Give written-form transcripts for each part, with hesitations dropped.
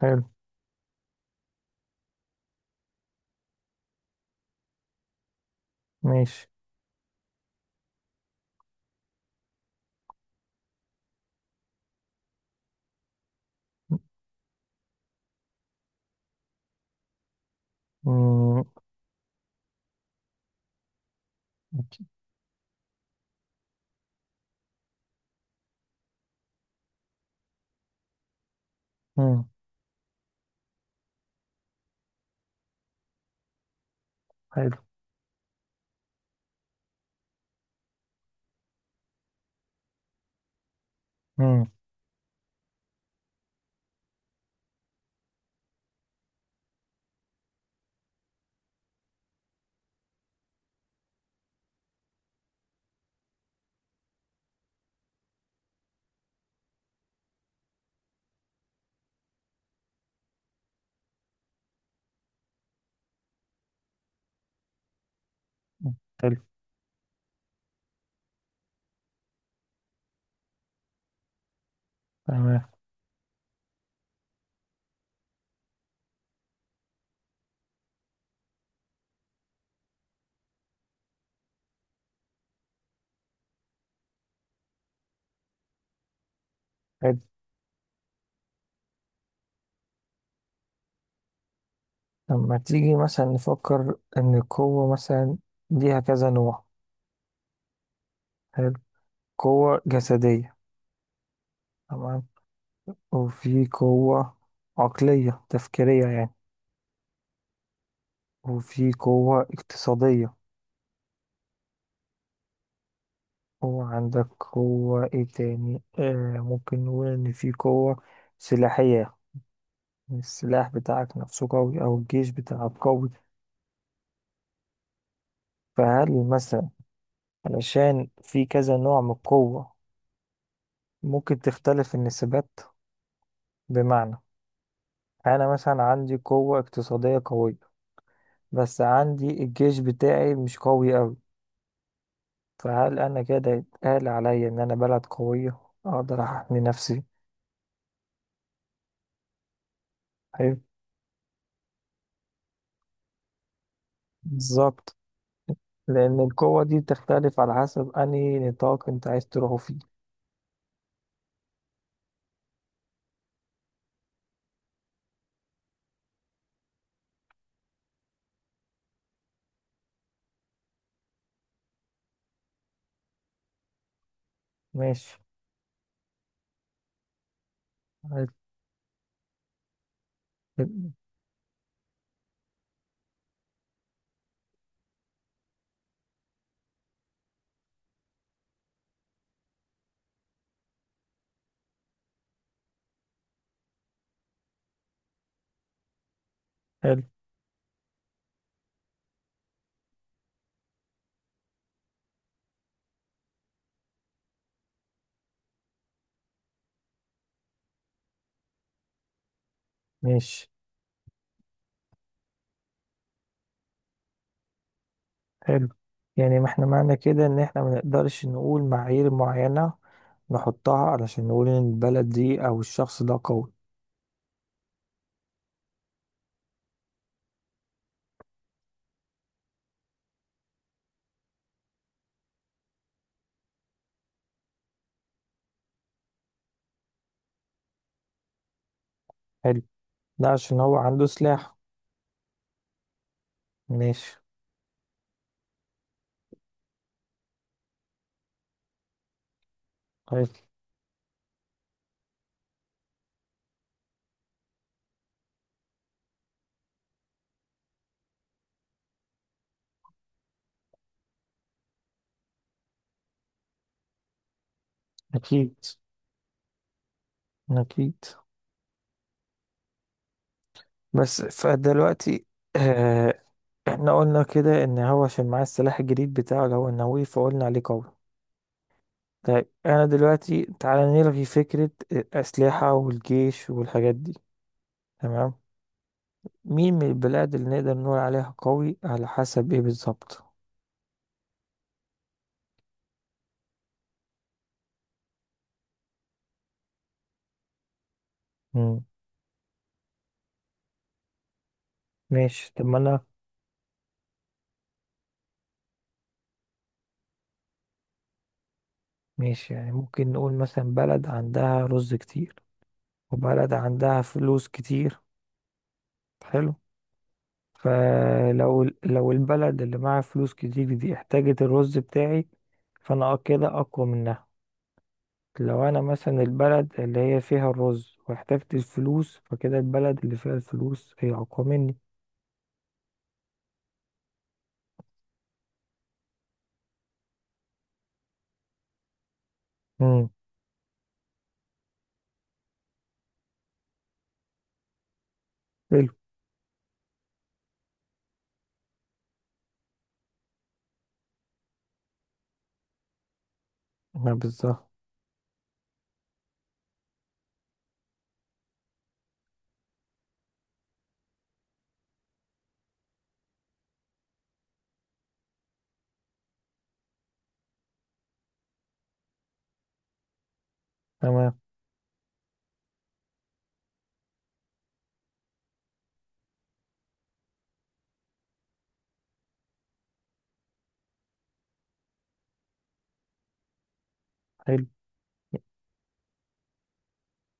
حلو. ماشي. مم، مم، حلو. مم، حلو. تمام. حلو. لما تيجي مثلا نفكر إن القوة مثلا ليها كذا نوع. حلو. قوة جسدية. تمام. وفي قوة عقلية تفكيرية، يعني. وفي قوة اقتصادية. وعندك قوة ايه تاني؟ ممكن نقول إن في قوة سلاحية. السلاح بتاعك نفسه قوي أو الجيش بتاعك قوي. فهل مثلا، علشان في كذا نوع من القوة، ممكن تختلف النسبات؟ بمعنى أنا مثلا عندي قوة اقتصادية قوية بس عندي الجيش بتاعي مش قوي أوي. فهل أنا كده يتقال عليا إن أنا بلد قوية أقدر أحمي نفسي؟ حلو. بالظبط. لأن القوة دي بتختلف على حسب أنهي نطاق أنت عايز تروحه فيه. ماشي. حلو. حلو. ماشي. حلو. يعني ما احنا معنى كده ان احنا ما نقدرش نقول معايير معينة نحطها علشان نقول ان البلد دي او الشخص ده قوي. حلو. لا، عشان هو عنده سلاح. ماشي. حلو. اكيد. اكيد. بس فدلوقتي، اه احنا قلنا كده ان هو عشان معاه السلاح الجديد بتاعه اللي هو النووي فقلنا عليه قوي. طيب انا دلوقتي، تعالى نلغي فكرة الاسلحة والجيش والحاجات دي. تمام. مين من البلاد اللي نقدر نقول عليها قوي، على حسب ايه بالظبط؟ مم. ماشي. طب ما انا. ماشي. يعني ممكن نقول مثلا بلد عندها رز كتير وبلد عندها فلوس كتير. حلو. فلو لو البلد اللي معاها فلوس كتير دي احتاجت الرز بتاعي فانا كده اقوى منها. لو انا مثلا البلد اللي هي فيها الرز واحتاجت الفلوس فكده البلد اللي فيها الفلوس هي اقوى مني. مم. حلو. أنا بالظبط. تمام. حلو.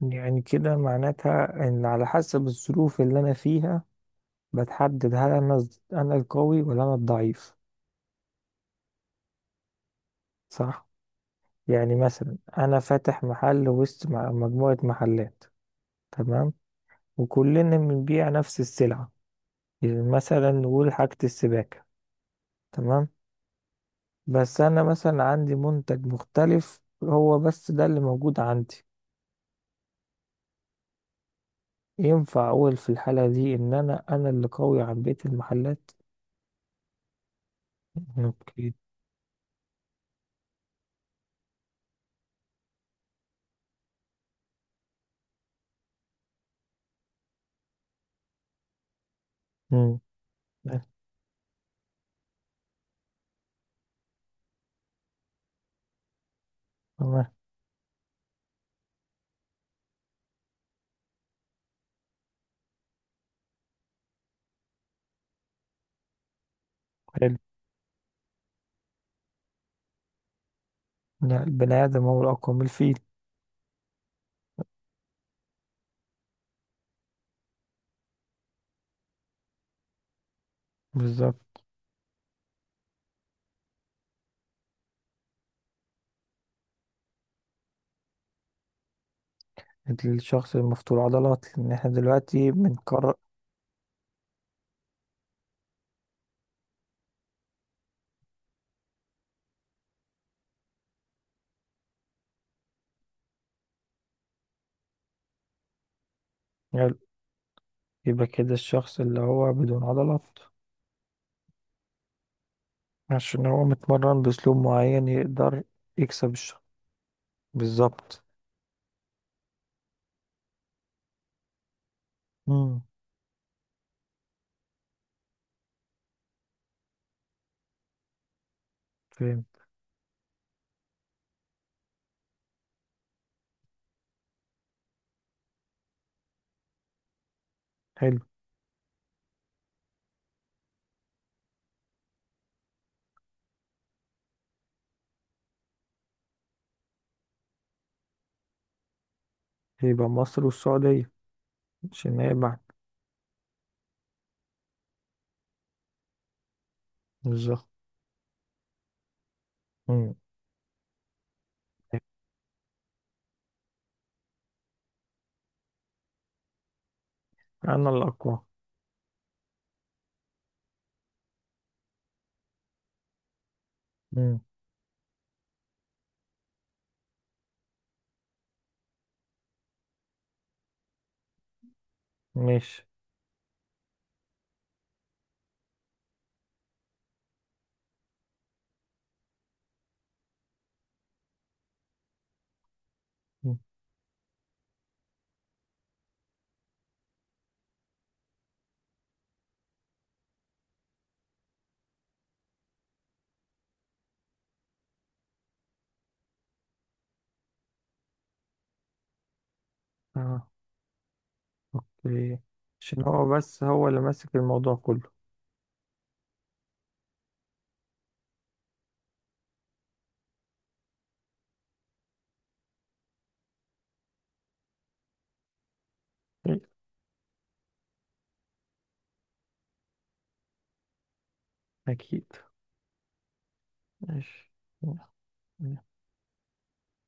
يعني كده معناتها ان على حسب الظروف اللي انا فيها بتحدد هل انا القوي ولا انا الضعيف. صح. يعني مثلا انا فاتح محل وسط مجموعة محلات. تمام. وكلنا بنبيع نفس السلعة. يعني مثلا نقول حاجة السباكة. تمام. بس انا مثلا عندي منتج مختلف هو بس ده اللي موجود عندي. ينفع اقول في الحالة دي ان انا اللي قوي عن بقية المحلات؟ اوكي. امم. تمام. حلو. لا، البني آدم هو الأقوى من الفيل. بالظبط. الشخص المفتول عضلات، لأن احنا دلوقتي بنقرر. يبقى كده الشخص اللي هو بدون عضلات. عشان هو متمرن بأسلوب معين يقدر يكسب الشخص. بالظبط. امم فهمت. حلو. يبقى مصر والسعودية، عشان هي بعد. بالظبط. امم أنا الأقوى. امم. ماشي. مم. اه أوكي. عشان هو بس هو اللي ماسك الموضوع كله. أكيد. ماشي.